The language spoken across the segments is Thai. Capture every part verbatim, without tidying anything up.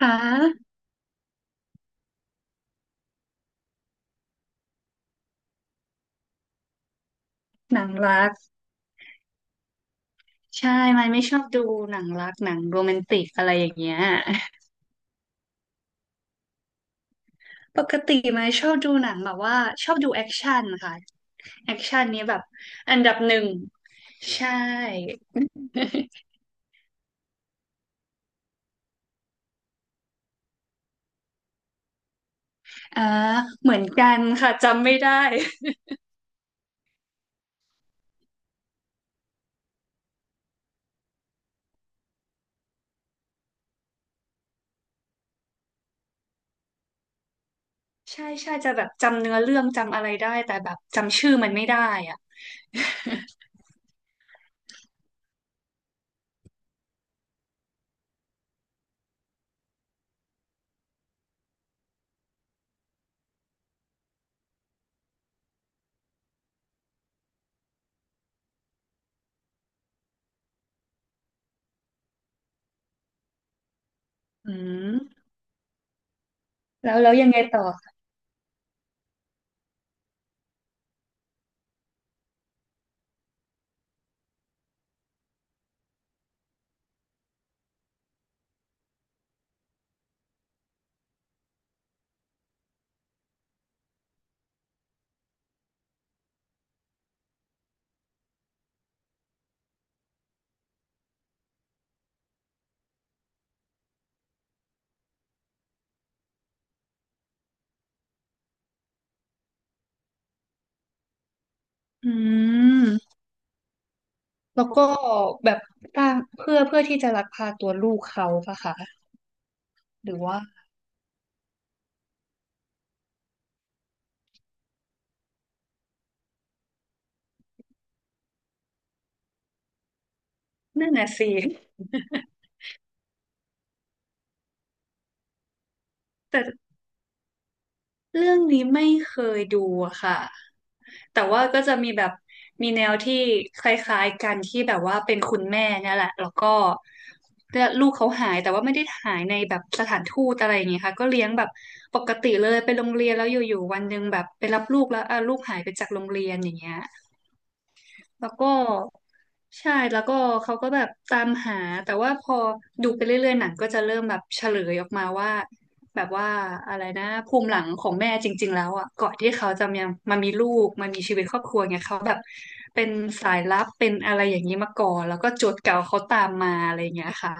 คะหนังรักใช่ไม่ไม่ชอบดูหนังรักหนังโรแมนติกอะไรอย่างเงี้ย ปกติไม่ชอบดูหนังแบบว่าชอบดูแอคชั่นค่ะแอคชั่นนี้แบบอันดับหนึ่งใช่ อ่าเหมือนกันค่ะจำไม่ได้ ใช่ใช่จะแบบจำเนื้อเรื่องจำอะไรได้แต่แบบจำชื่อมันไม่ได้อ่ะ อืมแล้วแล้วยังไงต่ออืมแล้วก็แบบสร้างเพื่อเพื่อที่จะลักพาตัวลูกเขาปะคะหรือว่า นั่นน่ะสิแต่เรื่องนี้ไม่เคยดูอะค่ะแต่ว่าก็จะมีแบบมีแนวที่คล้ายๆกันที่แบบว่าเป็นคุณแม่เนี่ยแหละแล้วก็เนี่ยลูกเขาหายแต่ว่าไม่ได้หายในแบบสถานทูตอะไรอย่างเงี้ยค่ะก็เลี้ยงแบบปกติเลยไปโรงเรียนแล้วอยู่ๆวันหนึ่งแบบไปรับลูกแล้วอ่ะลูกหายไปจากโรงเรียนอย่างเงี้ย แล้วก็ใช่แล้วก็เขาก็แบบตามหาแต่ว่าพอดูไปเรื่อยๆหนังก็จะเริ่มแบบเฉลยออกมาว่าแบบว่าอะไรนะภูมิหลังของแม่จริงๆแล้วอ่ะก่อนที่เขาจะมามามีลูกมามีชีวิตครอบครัวเนี่ยเขาแบบเป็นสายลับเป็นอะไรอย่างนี้มาก่อนแล้วก็โจทย์เก่าเขาตามมาอะไรอย่างเงี้ยค่ะ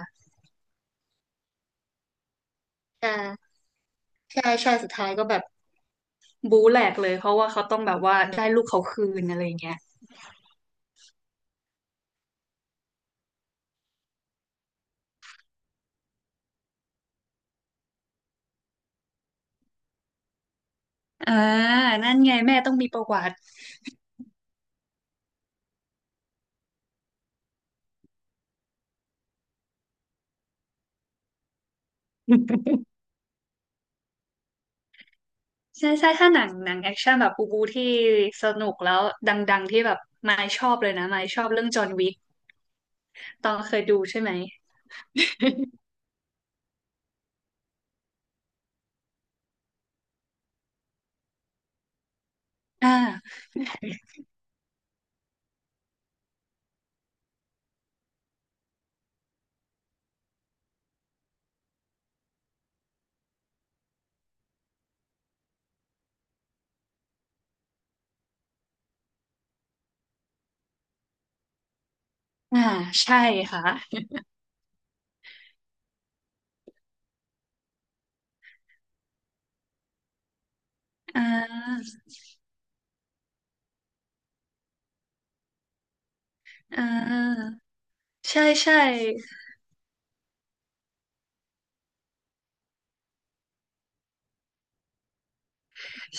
บู๊แหลกเลยเพราะว่าเขาต้องแบบว่าได้ลูกเขาคืนอะไรอย่างเงี้ยอ่านั่นไงแม่ต้องมีประวัติ ใช่ใช่ถ้าหนังหนังแอคชั่นแบบบูบูที่สนุกแล้วดังๆที่แบบมายชอบเลยนะมายชอบเรื่องจอห์นวิกตองเคยดูใช่ไหมอ่าอ่าใช่ค่ะอ่าอ่าใช่ใช่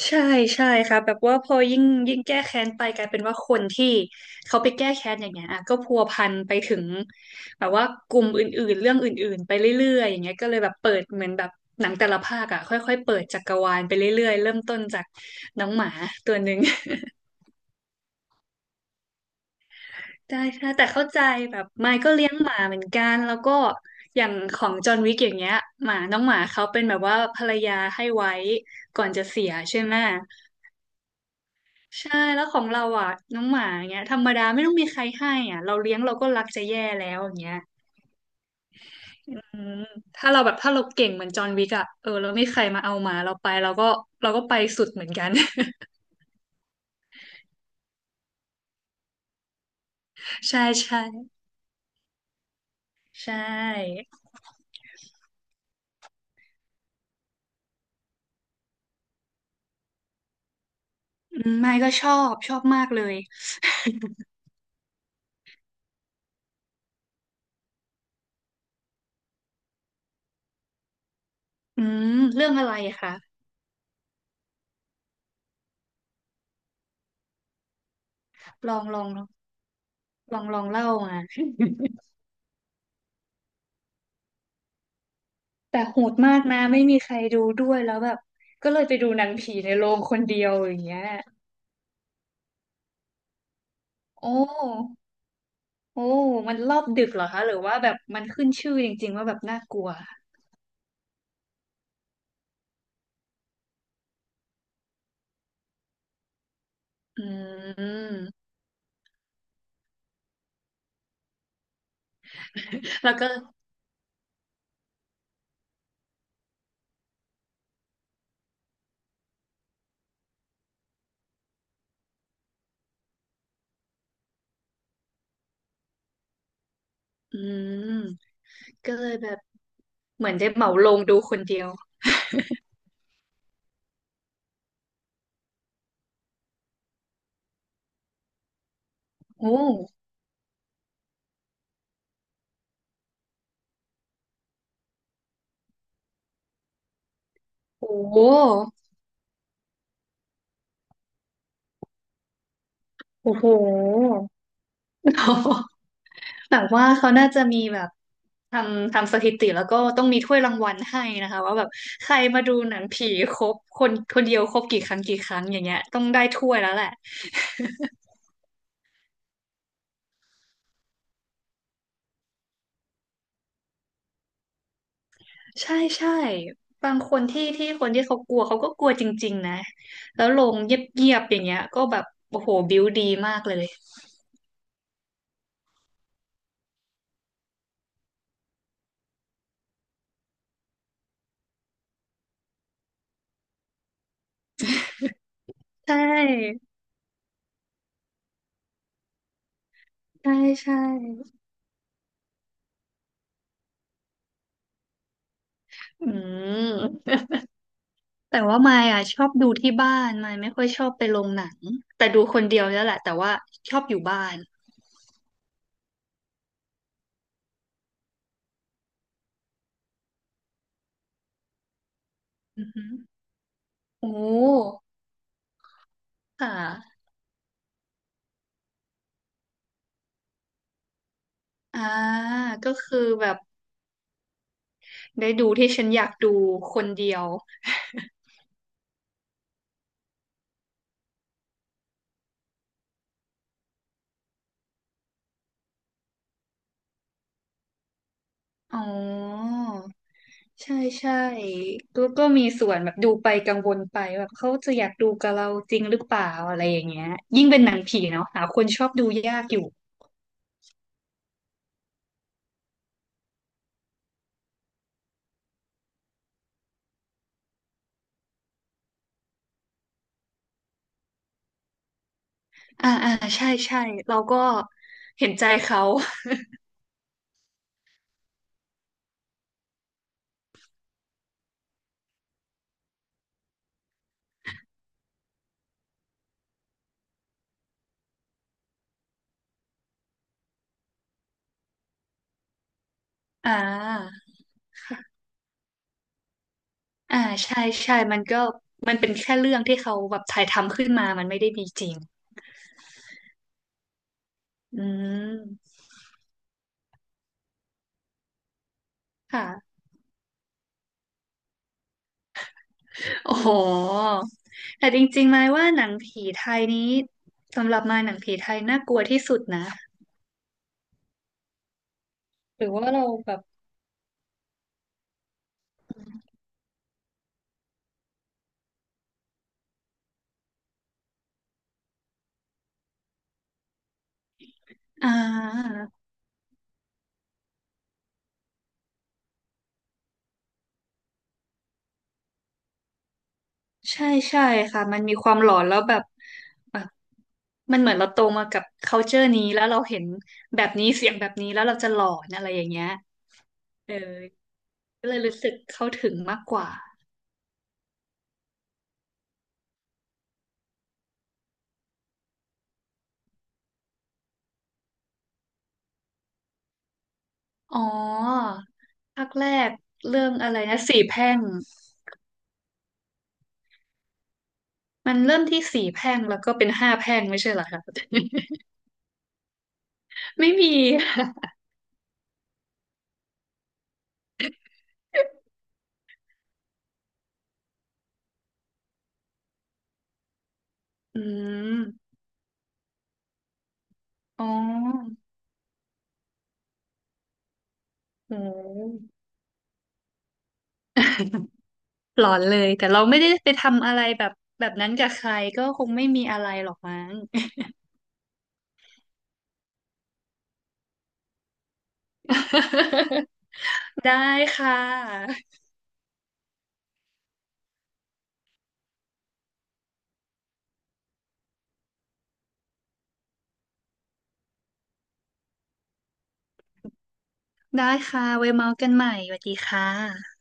ใช่ใช่ค่ะแบบว่าพอยิ่งยิ่งแก้แค้นไปกลายเป็นว่าคนที่เขาไปแก้แค้นอย่างเงี้ยอ่ะก็พัวพันไปถึงแบบว่ากลุ่มอื่นๆเรื่องอื่นๆไปเรื่อยๆอย่างเงี้ยก็เลยแบบเปิดเหมือนแบบหนังแต่ละภาคอ่ะค่อยๆเปิดจักรวาลไปเรื่อยๆเริ่มต้นจากน้องหมาตัวหนึ่ง ได้ค่ะแต่เข้าใจแบบไมค์ก็เลี้ยงหมาเหมือนกันแล้วก็อย่างของจอห์นวิกอย่างเงี้ยหมาน้องหมาเขาเป็นแบบว่าภรรยาให้ไว้ก่อนจะเสียใช่ไหม ใช่แล้วของเราอ่ะน้องหมาเงี้ยธรรมดาไม่ต้องมีใครให้อ่ะเราเลี้ยงเราก็รักจะแย่แล้วอย่างเงี้ยอืมถ้าเราแบบถ้าเราเก่งเหมือนจอห์นวิกอ่ะเออเราไม่มีใครมาเอาหมาเราไปเราก็เราก็ไปสุดเหมือนกัน ใช่ใช่ใช่อืมไม่ก็ชอบชอบมากเลยอืมเรื่องอะไรอะคะลองลองลองลองเล่ามา แต่โหดมากนะไม่มีใครดูด้วยแล้วแบบก็เลยไปดูหนังผีในโรงคนเดียวอย่างเงี้ยโอ้ โอ้มันรอบดึกเหรอคะหรือว่าแบบมันขึ้นชื่อจริงๆว่าแบบน่ากลัวอืม แล้วก็อืมก็เลยแบบเหมือนได้เหมาลงดูคนเดียวโอ้โหโอ้โหแบบว่าเขาน่าจะมีแบบทำทำสถิติแล้วก็ต้องมีถ้วยรางวัลให้นะคะว่าแบบใครมาดูหนังผีครบคนคนเดียวครบกี่ครั้งกี่ครั้งอย่างเงี้ยต้องได้ถ้วยแล้วแหละ ใช่ใช่บางคนที่ที่คนที่เขากลัวเขาก็กลัวจริงๆนะแล้วลงเงียบๆอย่างเงี้ยก็แบบโอ้โหบิวดีมากเลยใช่ใช่ใช่อืมแต่ว่ามายอ่ะชอบดูที่บ้านมายไม่ค่อยชอบไปโรงหนังแต่ดูคนเดียวแล้วแหละแต่ว่าชอบอยู่บ้านอือฮึโอ้ค่ะอ่าก็คือแบบได้ดูที่ฉันอยากดูคนเดียวอ๋อ ใช่ใช่แล้วก็มีส่วนแบบดูไปกังวลไปแบบเขาจะอยากดูกับเราจริงหรือเปล่าอะไรอย่างเงี้ยยิ่งเป็นหนังผีเนาะหาคนชอบดูยากอยู่อ่าอ่าใช่ใช่เราก็เห็นใจเขาอ่าอ่าใช่ใช่มันก็มันเป็นแค่เรื่องที่เขาแบบถ่ายทำขึ้นมามันไม่ได้มีจริงอืมค่ะโอ้โหแต่จริงๆไหมายว่าหนังผีไทยนี้สำหรับมายหนังผีไทยน่ากลัวที่สุดนะหรือว่าเราแบบ อ่าใช่ใช่ค่ะมันมีความหลอนแล้วแบบแบบมันเหมือนเราโตมากับ culture นี้แล้วเราเห็นแบบนี้เสียงแบบนี้แล้วเราจะหลอนอะไรอย่างเงี้ยเออก็เลยรู้สึกเข้าถึงมากกว่าอ๋อภาคแรกเรื่องอะไรนะสี่แพร่งมันเริ่มที่สี่แพร่งแล้วก็เป็นห้าแพร่งไม่ใช่เหรอคะ ไม่มีอืมอ๋อโห หลอนเลยแต่เราไม่ได้ไปทำอะไรแบบแบบนั้นกับใครก็คงไม่มีอะไรหรอกมั้ง ได้ค่ะได้ค่ะไว้เมาส์กันใหม่สวัสดีค่ะ